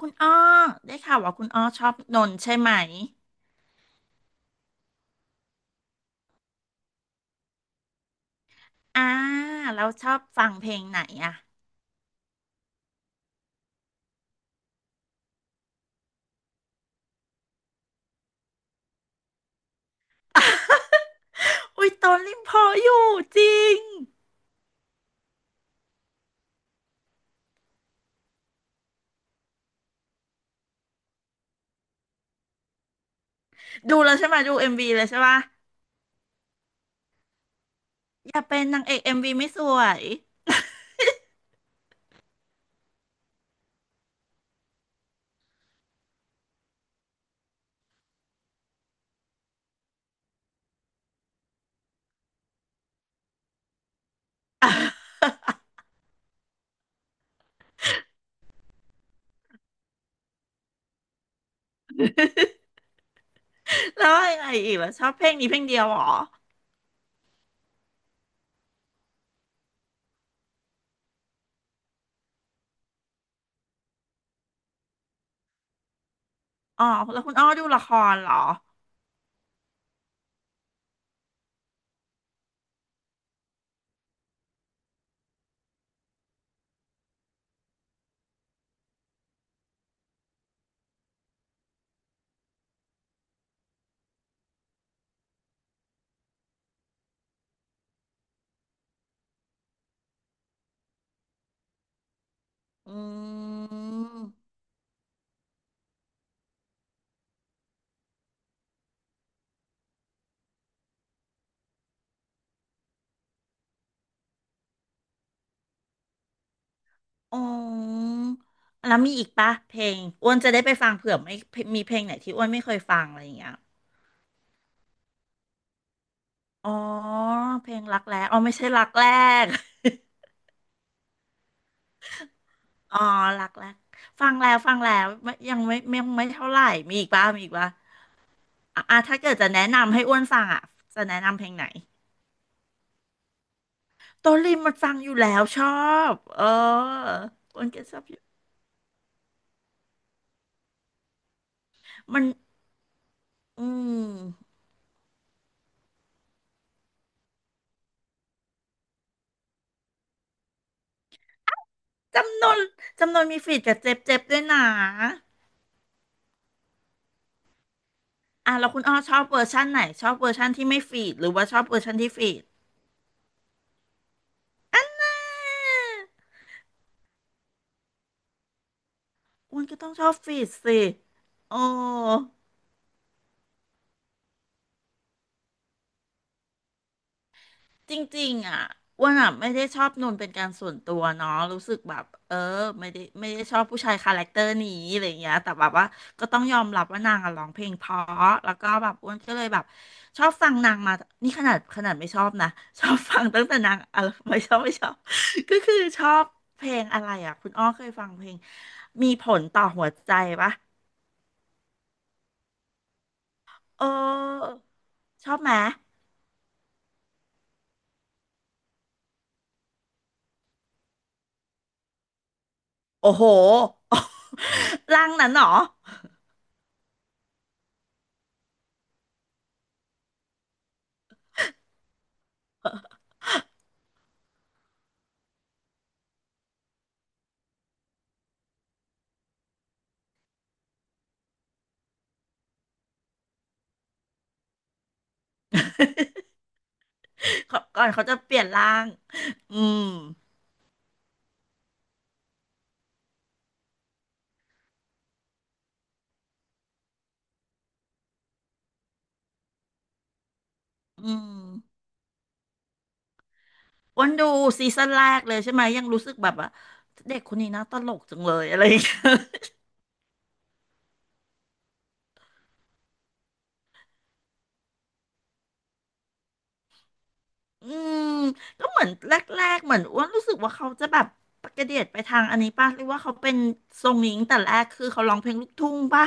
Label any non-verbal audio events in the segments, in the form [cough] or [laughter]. คุณอ้อได้ข่าวว่าคุณอ้อชอบนนท์ใช่ไหมอ่าแล้วชอบฟังเพลงไหนอ่ะ [laughs] อุ้ยตอนริมพออยู่จริงดูแล้วใช่ไหมดูเอ็มวีเลยใช่ปะอย่าเป็นนางเอกเอ็มวีไม่สวย [laughs] แล้วอะไรอีกล่ะชอบเพลงนี้เพลงเดียวเหรออ๋อแล้วคุณอ้อดูละครเหรออืมอ๋อแล้วมีอีกปะเพลงอ้วนจะได้ไปฟังเผื่อไม่มีเพลงไหนที่อ้วนไม่เคยฟังอะไรอย่างเงี้ยอ๋อเพลงรักแร้อ๋อไม่ใช่รักแรก อ๋อหลักแรกฟังแล้ว ฟังแล้ว ไม่ยังไม่ไม่เท่าไหร่มีอีกป่ะมีอีกป่ะอ่ะอ่ะถ้าเกิดจะแนะนำให้อ้วนฟังอ่ะจะแนะนำเพลงไหนโตลิมมันฟังอยู่แล้วชอบเอออ้วนก็ชอบอยู่มันอืมจำนวนจำนวนมีฟีดกับเจ็บเจ็บด้วยนะอ่ะแล้วคุณอ้อชอบเวอร์ชั่นไหนชอบเวอร์ชั่นที่ไม่ฟีดหรือว่าชอบเวอร์ชั่นที่ฟีดอ้วนก็ต้องชอบฟีดสิโอ้ จริงๆอ่ะอ้วนอ่ะไม่ได้ชอบนนเป็นการส่วนตัวเนาะรู้สึกแบบเออไม่ได้ชอบผู้ชายคาแรคเตอร์นี้อะไรอย่างเงี้ยแต่แบบว่าก็ต้องยอมรับว่านางอะร้องเพลงเพราะแล้วก็แบบอ้วนก็เลยแบบชอบฟังนางมานี่ขนาดขนาดไม่ชอบนะ [laughs] ชอบฟังตั้งแต่นางอะไรไม่ชอบ [laughs] ก็คือชอบเพลงอะไรอ่ะคุณอ้อเคยฟังเพลงมีผลต่อหัวใจปะเออชอบไหมโอ้โห [laughs] ร่างนั้นเหรอ เขาก่อนเขาจะเปลี่ยนร่างอืมอืมอ้วนดูซีซั่นแรกเลยใช่ไหมยังรู้สึกแบบว่าเด็กคนนี้น่าตลกจังเลยอะไรอย่างเงี้ย [laughs] อืมก็เหมือนแรกๆเหมือนอ้วนรู้สึกว่าเขาจะแบบกระเดียดไปทางอันนี้ป่ะหรือว่าเขาเป็นทรงนี้ตั้งแต่แรกคือเขาร้องเพลงลูกทุ่งป่ะ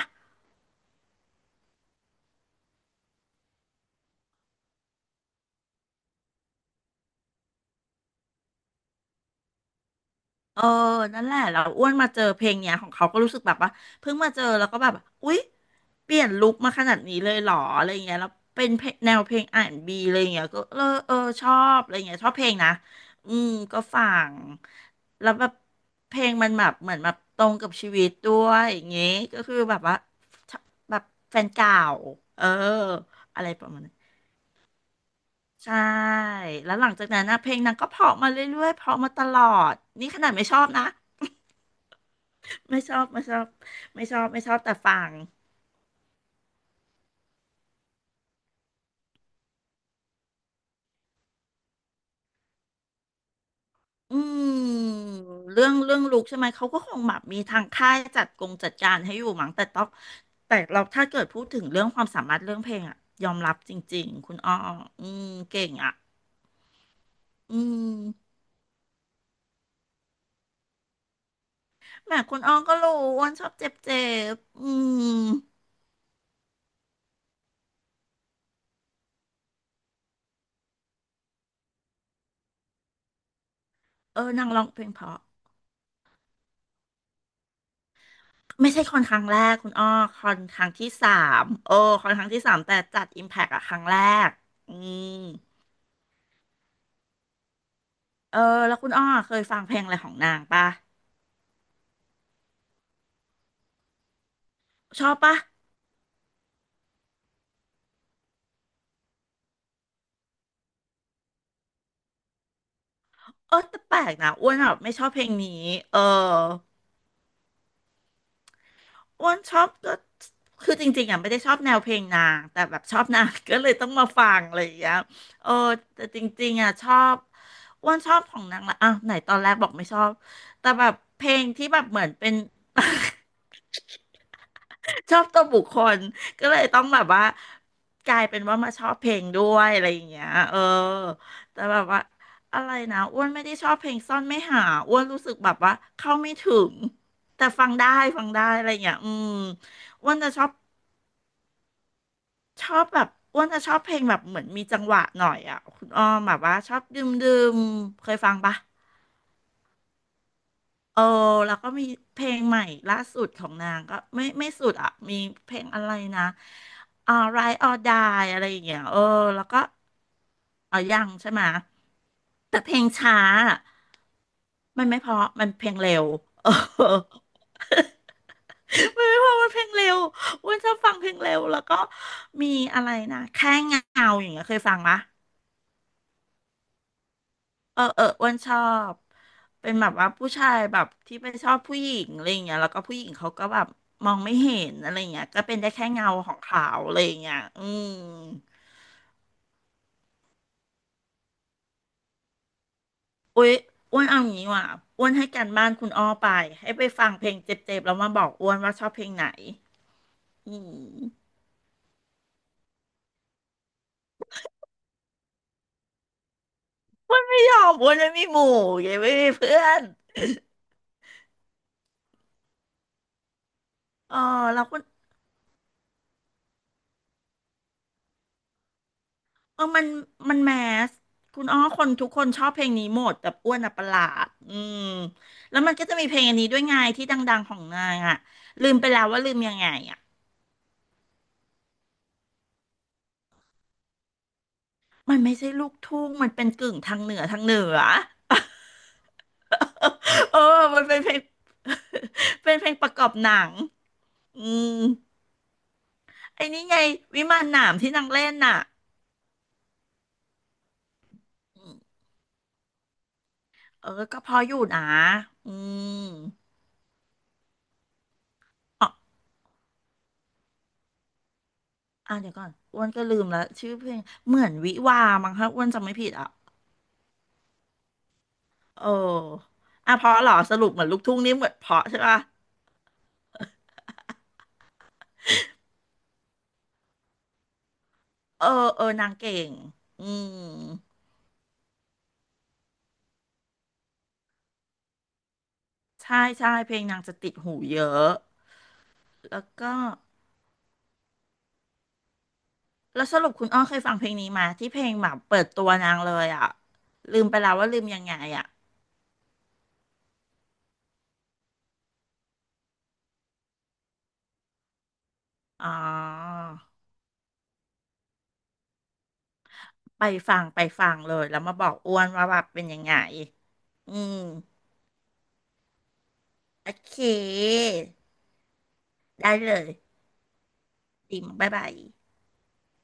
เออนั่นแหละเราอ้วนมาเจอเพลงเนี้ยของเขาก็รู้สึกแบบว่าเพิ่งมาเจอแล้วก็แบบอุ๊ยเปลี่ยนลุคมาขนาดนี้เลยเหรออะไรเงี้ยแล้วเป็นเพลงแนวเพลง R&B อนด์บีอะไรเงี้ยก็เออเออชอบอะไรเงี้ยชอบเพลงนะอืมก็ฟังแล้วแบบเพลงมันแบบเหมือนแบบตรงกับชีวิตด้วยอย่างเงี้ยก็คือแบบว่าชอบแบบแฟนเก่าเอออะไรประมาณนั้นใช่แล้วหลังจากนั้นนะเพลงนางก็เพราะมาเรื่อยๆเพราะมาตลอดนี่ขนาดไม่ชอบนะ ไม่ชอบไม่ชอบไม่ชอบไม่ชอบแต่ฟังอืมเรื่องเรื่องลูกใช่ไหมเขาก็คงแบบมีทางค่ายจัดกงจัดการให้อยู่มั้งแต่ต้องแต่เราถ้าเกิดพูดถึงเรื่องความสามารถเรื่องเพลงอะยอมรับจริงๆคุณอ้ออืมเก่งอะอืมแหมคุณอ้อก็รู้อ้วนชอบเจ็บเจ็บอืมเออนางร้องเพลงเพราะไม่ใช่คอนครั้งแรกคุณอ้อคอนครั้งที่สามโอ้คอนครั้งที่สามแต่จัดอิมแพกอะครั้งแรกอืม เออแล้วคุณอ้อเคยฟังเพลงอะไรของนางปะชอบปะเออแต่แปลกนะอ้วนแบบไม่ชอบเพลงนี้เอออ้วนชอบก็คือจริงๆอ่ะไม่ได้ชอบแนวเพลงนางแต่แบบชอบนาง [laughs] ก็เลยต้องมาฟังอะไรอย่างเงี้ยเออแต่จริงๆอ่ะชอบอ้วนชอบของนางละอ่ะไหนตอนแรกบอกไม่ชอบแต่แบบเพลงที่แบบเหมือนเป็น [laughs] ชอบตัวบุคคลก็เลยต้องแบบว่ากลายเป็นว่ามาชอบเพลงด้วยอะไรอย่างเงี้ยเออแต่แบบว่าอะไรนะอ้วนไม่ได้ชอบเพลงซ่อนไม่หาอ้วนรู้สึกแบบว่าเข้าไม่ถึงแต่ฟังได้ฟังได้อะไรอย่างเงี้ยอืมอ้วนจะชอบชอบแบบอ้วนจะชอบเพลงแบบเหมือนมีจังหวะหน่อยอ่ะคุณอ้อมแบบว่าชอบดื่มดื่มเคยฟังปะ เออแล้วก็มีเพลงใหม่ล่าสุดของนางก็ไม่ไม่สุดอ่ะมีเพลงอะไรนะr i h t or Die อะไรอย่างเงี้ยเออแล้วก็เอายังใช่ไหมะแต่เพลงช้าอะมันไม่เพราะมันเพลงเร็วเออ [laughs] ไม่เพราะมันเพลงเร็วอ้วนชอบฟังเพลงเร็วแล้วก็มีอะไรนะแค่เงาอย่างเงี้ยเคยฟังมะ เออเอออ้วนชอบเป็นแบบว่าผู้ชายแบบที่ไปชอบผู้หญิงอะไรอย่างเงี้ยแล้วก็ผู้หญิงเขาก็แบบมองไม่เห็นอะไรอย่างเงี้ยก็เป็นได้แค่เงาของเขาอะไรอย่างเงี้ยอืมอุ้ยอ้วนเอาอย่างนี้ว่ะอ้วนให้การบ้านคุณอ้อไปให้ไปฟังเพลงเจ็บๆแล้วมาบอกอ้วนว่าชอบเพลงไหนอืมอ้วนไม่ยอมอ้วนไม่มีหมู่ยังไม่มีเพื่อนเออแล้วคุณ เออมันมันแมสคุณอ้อคนทุกคนชอบเพลงนี้หมดแบบอ้วนอ่ะประหลาดอืมแล้วมันก็จะมีเพลงอันนี้ด้วยไงที่ดังๆของนางอ่ะลืมไปแล้วว่าลืมยังไงอ่ะมันไม่ใช่ลูกทุ่งมันเป็นกึ่งทางเหนือทางเหนือ [laughs] เออมันเป็นเพลง [laughs] เป็นเพลงประกอบหนังอืมไอ้นี่ไงวิมานหนามที่นางเล่นน่ะอืมเออก็พออยู่นะอืมอ๋ออ่ะเดี๋ยวก่อนอ้วนก็ลืมแล้วชื่อเพลงเหมือนวิวามั้งคะอ้วนจำไม่ผิดอ่ะ เอออ่ะเพราะเหรอสรุปเหมือนลูกทุ่งนี่เหมือนเพราะใช่ป่ะเออเออนางเก่งอืมใช่ใช่เพลงนางจะติดหูเยอะแล้วก็แล้วสรุปคุณอ้อเคยฟังเพลงนี้มาที่เพลงแบบเปิดตัวนางเลยอ่ะลืมไปแล้วว่าลืมยังไงอ่ะอ๋อไปฟังไปฟังเลยแล้วมาบอกอ้วนว่าแบบเป็นยังไงอืมโอเคได้เลยดีมบ๊ายบาย